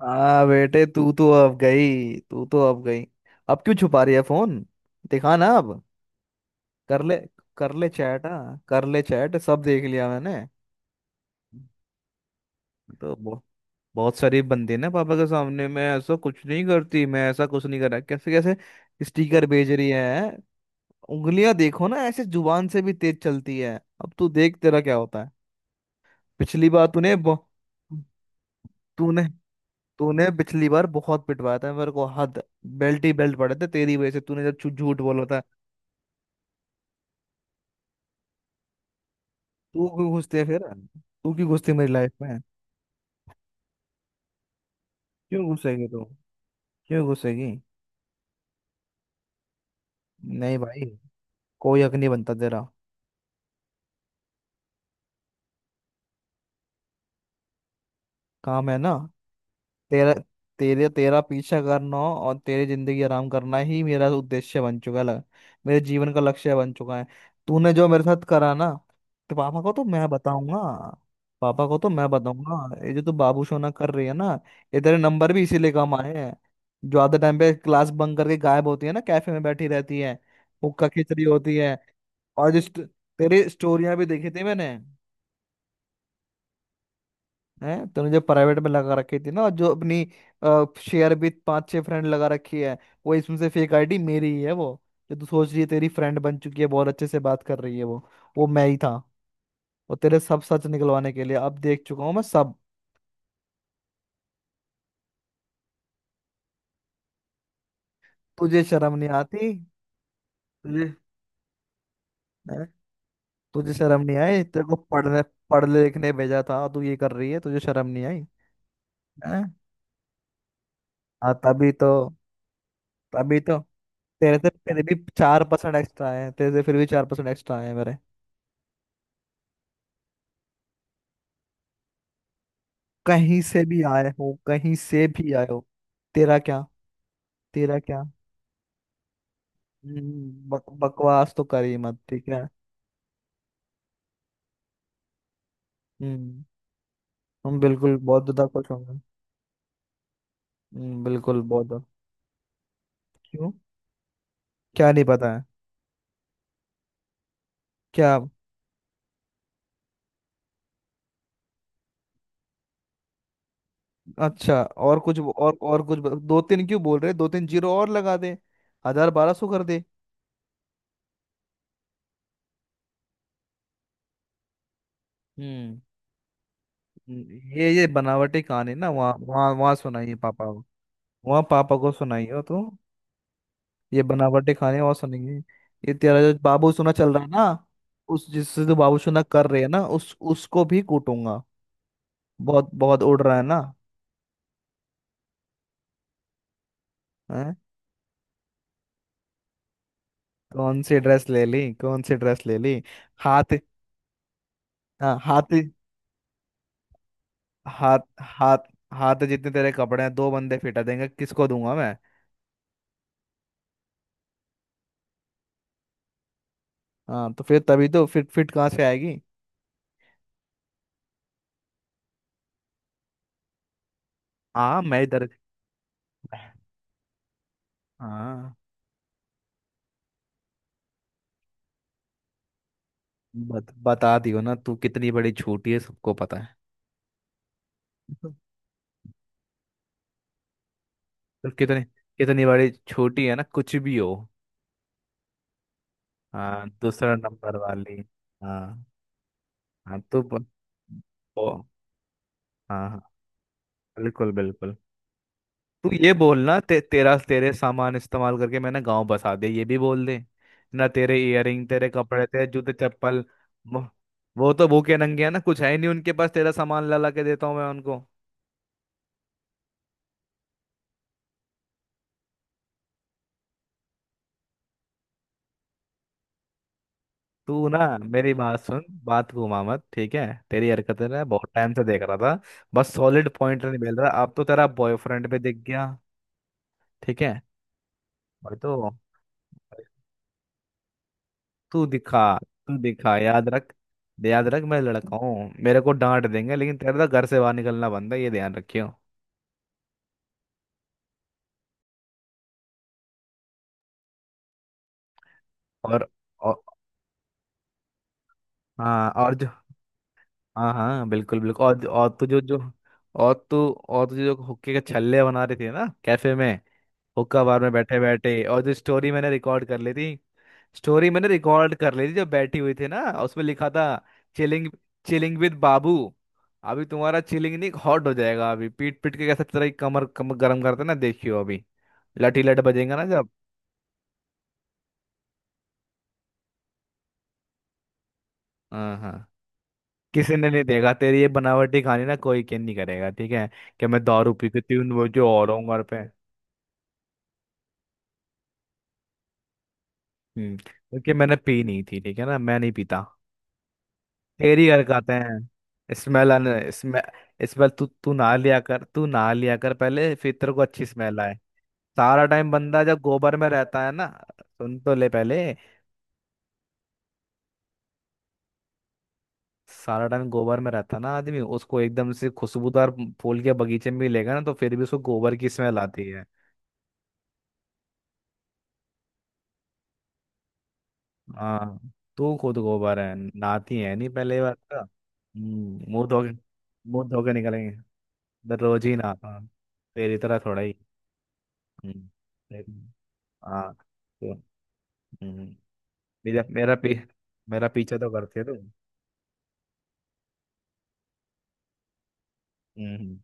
हाँ बेटे। तू तो अब गई, तू तो अब गई। अब क्यों छुपा रही है फोन? दिखा ना अब। कर ले, कर ले चैट, हाँ कर ले चैट, सब देख लिया मैंने। तो बहु- बहुत सारी बंदे ना, पापा के सामने मैं ऐसा कुछ नहीं करती, मैं ऐसा कुछ नहीं करा, कैसे कैसे स्टिकर भेज रही है। उंगलियां देखो ना, ऐसे जुबान से भी तेज चलती है। अब तू देख तेरा क्या होता है। पिछली बार तूने बहु- तूने तूने पिछली बार बहुत पिटवाया था मेरे को, हद। बेल्ट ही बेल्ट पड़े थे तेरी वजह से, तूने जब झूठ बोला था। तू क्यों घुसती है फिर, तू क्यों घुसती है मेरी लाइफ में? क्यों घुसेगी तू, क्यों घुसेगी? नहीं भाई, कोई हक नहीं बनता तेरा। काम है ना। तेरा तेरा पीछा करना और तेरी जिंदगी आराम करना ही मेरा उद्देश्य बन चुका है, मेरे जीवन का लक्ष्य बन चुका है। तूने जो मेरे साथ करा ना, तो पापा को तो मैं बताऊंगा, पापा को तो मैं बताऊंगा। ये जो तू बाबू सोना कर रही है ना, ये तेरे नंबर भी इसीलिए कम आए हैं, जो आधे टाइम पे क्लास बंक करके गायब होती है ना, कैफे में बैठी रहती है, हुक्का खिचड़ी होती है। और जिस तेरी स्टोरियां भी देखी थी मैंने, है, तूने जो प्राइवेट में लगा रखी थी ना, और जो अपनी शेयर भी पांच छह फ्रेंड लगा रखी है, वो इसमें से फेक आईडी मेरी ही है वो, जो तू सोच रही है तेरी फ्रेंड बन चुकी है, बहुत अच्छे से बात कर रही है, वो मैं ही था। और तेरे सब सच निकलवाने के लिए अब देख चुका हूँ मैं सब। तुझे शर्म नहीं आती, तुझे। हैं? तुझे शर्म नहीं आई? तेरे को पढ़ने पढ़ने लिखने भेजा था और तू ये कर रही है, तुझे शर्म नहीं आई? हैं? हाँ, तभी तो, तभी तो तेरे से फिर भी 4% एक्स्ट्रा आए हैं, तेरे से फिर भी 4% एक्स्ट्रा आए हैं मेरे। कहीं से भी आए हो, कहीं से भी आए हो। तेरा क्या, तेरा क्या। बकवास तो करी मत, ठीक है। हम्म हम बिल्कुल बहुत ज्यादा खुश होंगे। बिल्कुल, बहुत ज्यादा। क्यों? क्या नहीं पता है? क्या? अच्छा, और कुछ? कुछ दो तीन? क्यों बोल रहे दो तीन? जीरो और लगा दे, हजार 1200 कर दे। हम्म ये बनावटी कहानी ना, वहाँ वहाँ वहाँ सुनाइए पापा को, वहाँ पापा को सुनाइए तो, ये बनावटी खाने और सुनेंगे। ये तेरा जो बाबूसुना चल रहा है ना, उस, जिससे तू बाबूसुना कर रहे है ना, उस उसको भी कूटूंगा। बहुत बहुत उड़ रहा है ना। हैं? कौन सी ड्रेस ले ली, कौन सी ड्रेस ले ली? हाथ, हाँ, हाथ हाथ हाथ हाथ जितने तेरे कपड़े हैं दो बंदे फिटा देंगे, किसको दूंगा मैं? हाँ तो फिर तभी तो, फिट फिट कहाँ से आएगी? हाँ, मैं इधर, हाँ। बता दियो ना, तू कितनी बड़ी छोटी है सबको पता है। तो कितनी कितनी बड़ी छोटी है ना, कुछ भी हो। हाँ दूसरा नंबर वाली, हाँ। हाँ तो ओ, हाँ हाँ, बिल्कुल बिल्कुल। तू ये बोलना, तेरा तेरे सामान इस्तेमाल करके मैंने गांव बसा दिया, ये भी बोल दे ना। तेरे इयररिंग, तेरे कपड़े, तेरे जूते चप्पल, वो वो तो भूखे नंगे हैं ना, कुछ है ही नहीं उनके पास, तेरा सामान ला ला के देता हूँ मैं उनको। तू ना मेरी बात सुन, बात घुमा मत, ठीक है? तेरी हरकतें मैं बहुत टाइम से देख रहा था, बस सॉलिड पॉइंट नहीं मिल रहा, अब तो तेरा बॉयफ्रेंड भी दिख गया, ठीक है? भाई तो तू दिखा, तू दिखा। याद रख, याद रख मैं लड़का हूँ, मेरे को डांट देंगे, लेकिन तेरे तो घर से बाहर निकलना बंद है, ये ध्यान रखियो। और और हाँ, और जो, हाँ हाँ, बिल्कुल बिल्कुल, तू जो जो, और तू, और तुझे जो हुक्के के छल्ले बना रही थी ना कैफे में, हुक्का बार में बैठे बैठे, और जो स्टोरी मैंने रिकॉर्ड कर ली थी, स्टोरी मैंने रिकॉर्ड कर ली थी जब बैठी हुई थी ना, उसमें लिखा था चिलिंग, चिलिंग विद बाबू। अभी तुम्हारा चिलिंग नहीं हॉट हो जाएगा, अभी पीट पीट के कैसे तेरा ये कमर कमर गर्म करते ना देखियो अभी। लटी लट बजेगा ना जब। हाँ हाँ, किसी ने नहीं देगा तेरी ये बनावटी कहानी ना, कोई केयर नहीं करेगा, ठीक है, कि मैं दारू पी के तीन वो जो और हूँ घर पे। क्योंकि मैंने पी नहीं थी, ठीक है ना, मैं नहीं पीता। तेरी हरकतें हैं, स्मेल आने, स्मेल स्मेल। तू तू ना लिया कर, तू ना लिया कर पहले, फिर तेरे को अच्छी स्मेल। सारा टाइम बंदा जब गोबर में रहता है ना, सुन तो ले पहले, सारा टाइम गोबर में रहता है ना आदमी, उसको एकदम से खुशबूदार फूल के बगीचे में भी लेगा ना तो फिर भी उसको गोबर की स्मेल आती है। हाँ, तू खुद गोबर है, नहाती है नहीं पहले, बात का मुंह धो के, मुंह धो के निकलेंगे, मैं रोज ही नहाता हूँ, तेरी तरह थोड़ा ही। हम्म, देख, हाँ तो, हम्म, मेरा मेरा मेरा पीछा तो करती है तू। हम्म।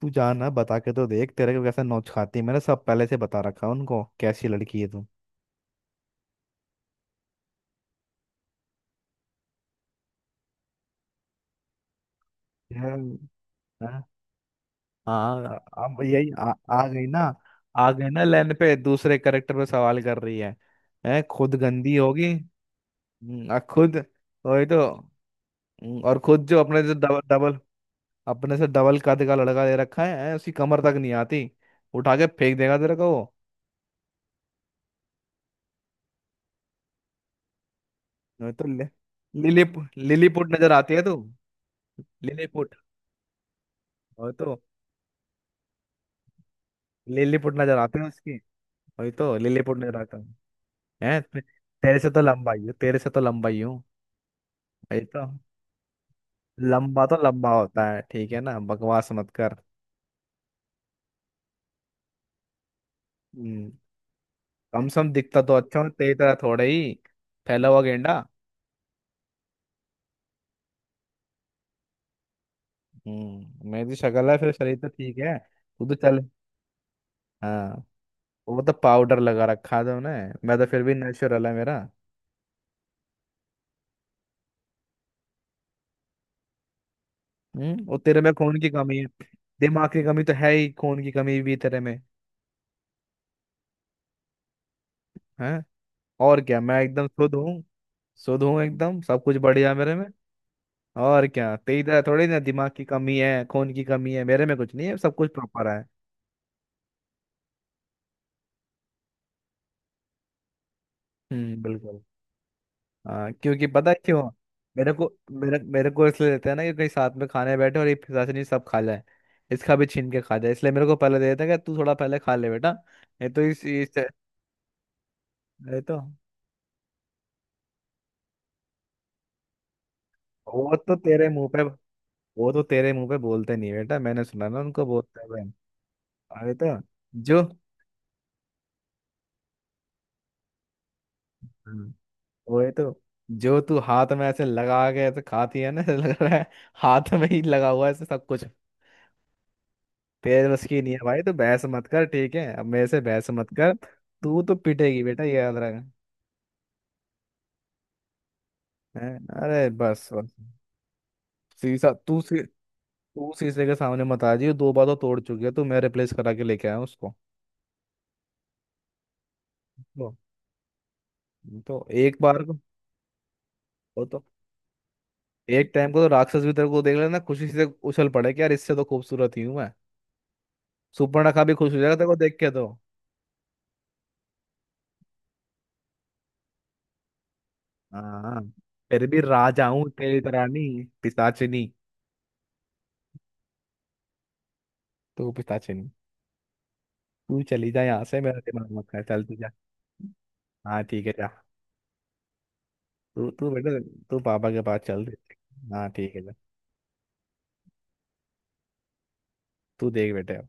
तू जाना बता के तो देख, तेरे को कैसा नोच खाती है, मैंने सब पहले से बता रखा है उनको कैसी लड़की है तू। यार, हाँ, हाँ, अब यही आ गई ना, आ गई ना लाइन पे, दूसरे करेक्टर पे सवाल कर रही है। है खुद गंदी होगी। खुद, वही तो। और खुद जो अपने से डबल कद का लड़का ले रखा है उसकी कमर तक नहीं आती, उठा के फेंक देगा तेरे को वो। नहीं तो ले, लिलीपुट, लिलीपुट नजर आती है तू। लिलीपुट, और तो लिलीपुट नजर आती है उसकी। वही तो, लिलीपुट नहीं रखता हूँ। हैं? तेरे से तो लंबा ही हूँ, तेरे से तो लंबा ही हूँ। वही तो, लंबा तो लंबा होता है, ठीक है ना, बकवास मत कर। हम्म कम से कम दिखता तो अच्छा हूँ, तेरी तरह थोड़े ही फैला हुआ गेंडा। मेरी तो शक्ल है, फिर शरीर तो ठीक है। तू तो चल, हाँ। वो तो पाउडर लगा रखा था उन्हें, मैं तो फिर भी नेचुरल है मेरा। और तेरे में खून की कमी है, दिमाग की कमी तो है ही, खून की कमी भी तेरे में है। और क्या, मैं एकदम शुद्ध हूँ, शुद्ध हूँ एकदम, सब कुछ बढ़िया मेरे में। और क्या, तेरी तरह थोड़ी ना दिमाग की कमी है, खून की कमी है, मेरे में कुछ नहीं है, सब कुछ प्रॉपर है। हम्म, बिल्कुल। हाँ, क्योंकि पता है क्यों? मेरे को इसलिए देते हैं ना कि कहीं साथ में खाने बैठे और ये पिशाच नहीं सब खा जाए, इसका भी छीन के खा जाए, इसलिए मेरे को पहले दे देते हैं कि तू थोड़ा पहले खा ले बेटा। ये तो इस ये तो वो तो तेरे मुंह पे, वो तो तेरे मुंह पे बोलते नहीं बेटा, मैंने सुना ना उनको बोलते हुए। अरे तो जो वही तो, जो तू हाथ में ऐसे लगा के ऐसे खाती है ना, ऐसे लग रहा है हाथ में ही लगा हुआ है ऐसे सब कुछ। तेरे बस की नहीं है भाई, तो बहस मत कर, ठीक है, अब मेरे से बहस मत कर। तू तो पिटेगी बेटा, ये याद रख। हैं? अरे बस बस, शीशा तू शी- तू शीशे के सामने मत आ जाइयो, दो बार तो तोड़ चुकी है, तो मैं रिप्लेस करा के लेके आया हूँ उसको। तो, तो एक बार को वो तो एक टाइम को तो राक्षस भी तेरे को देख लेना खुशी से उछल पड़े कि यार इससे तो खूबसूरत ही हूँ मैं, सुपर्णखा भी खुश हो जाएगा तेरे को देख के तो। हाँ, फिर भी राजा हूँ, तेरी तरह नहीं पिशाचिनी। तू पिशाचिनी, तू चली जा यहाँ से, मेरा दिमाग मत खा, चल तू जा। हाँ ठीक है, जा। तू तू बेटा, तू पापा के पास चल। हाँ ठीक है, जा। तू देख बेटे।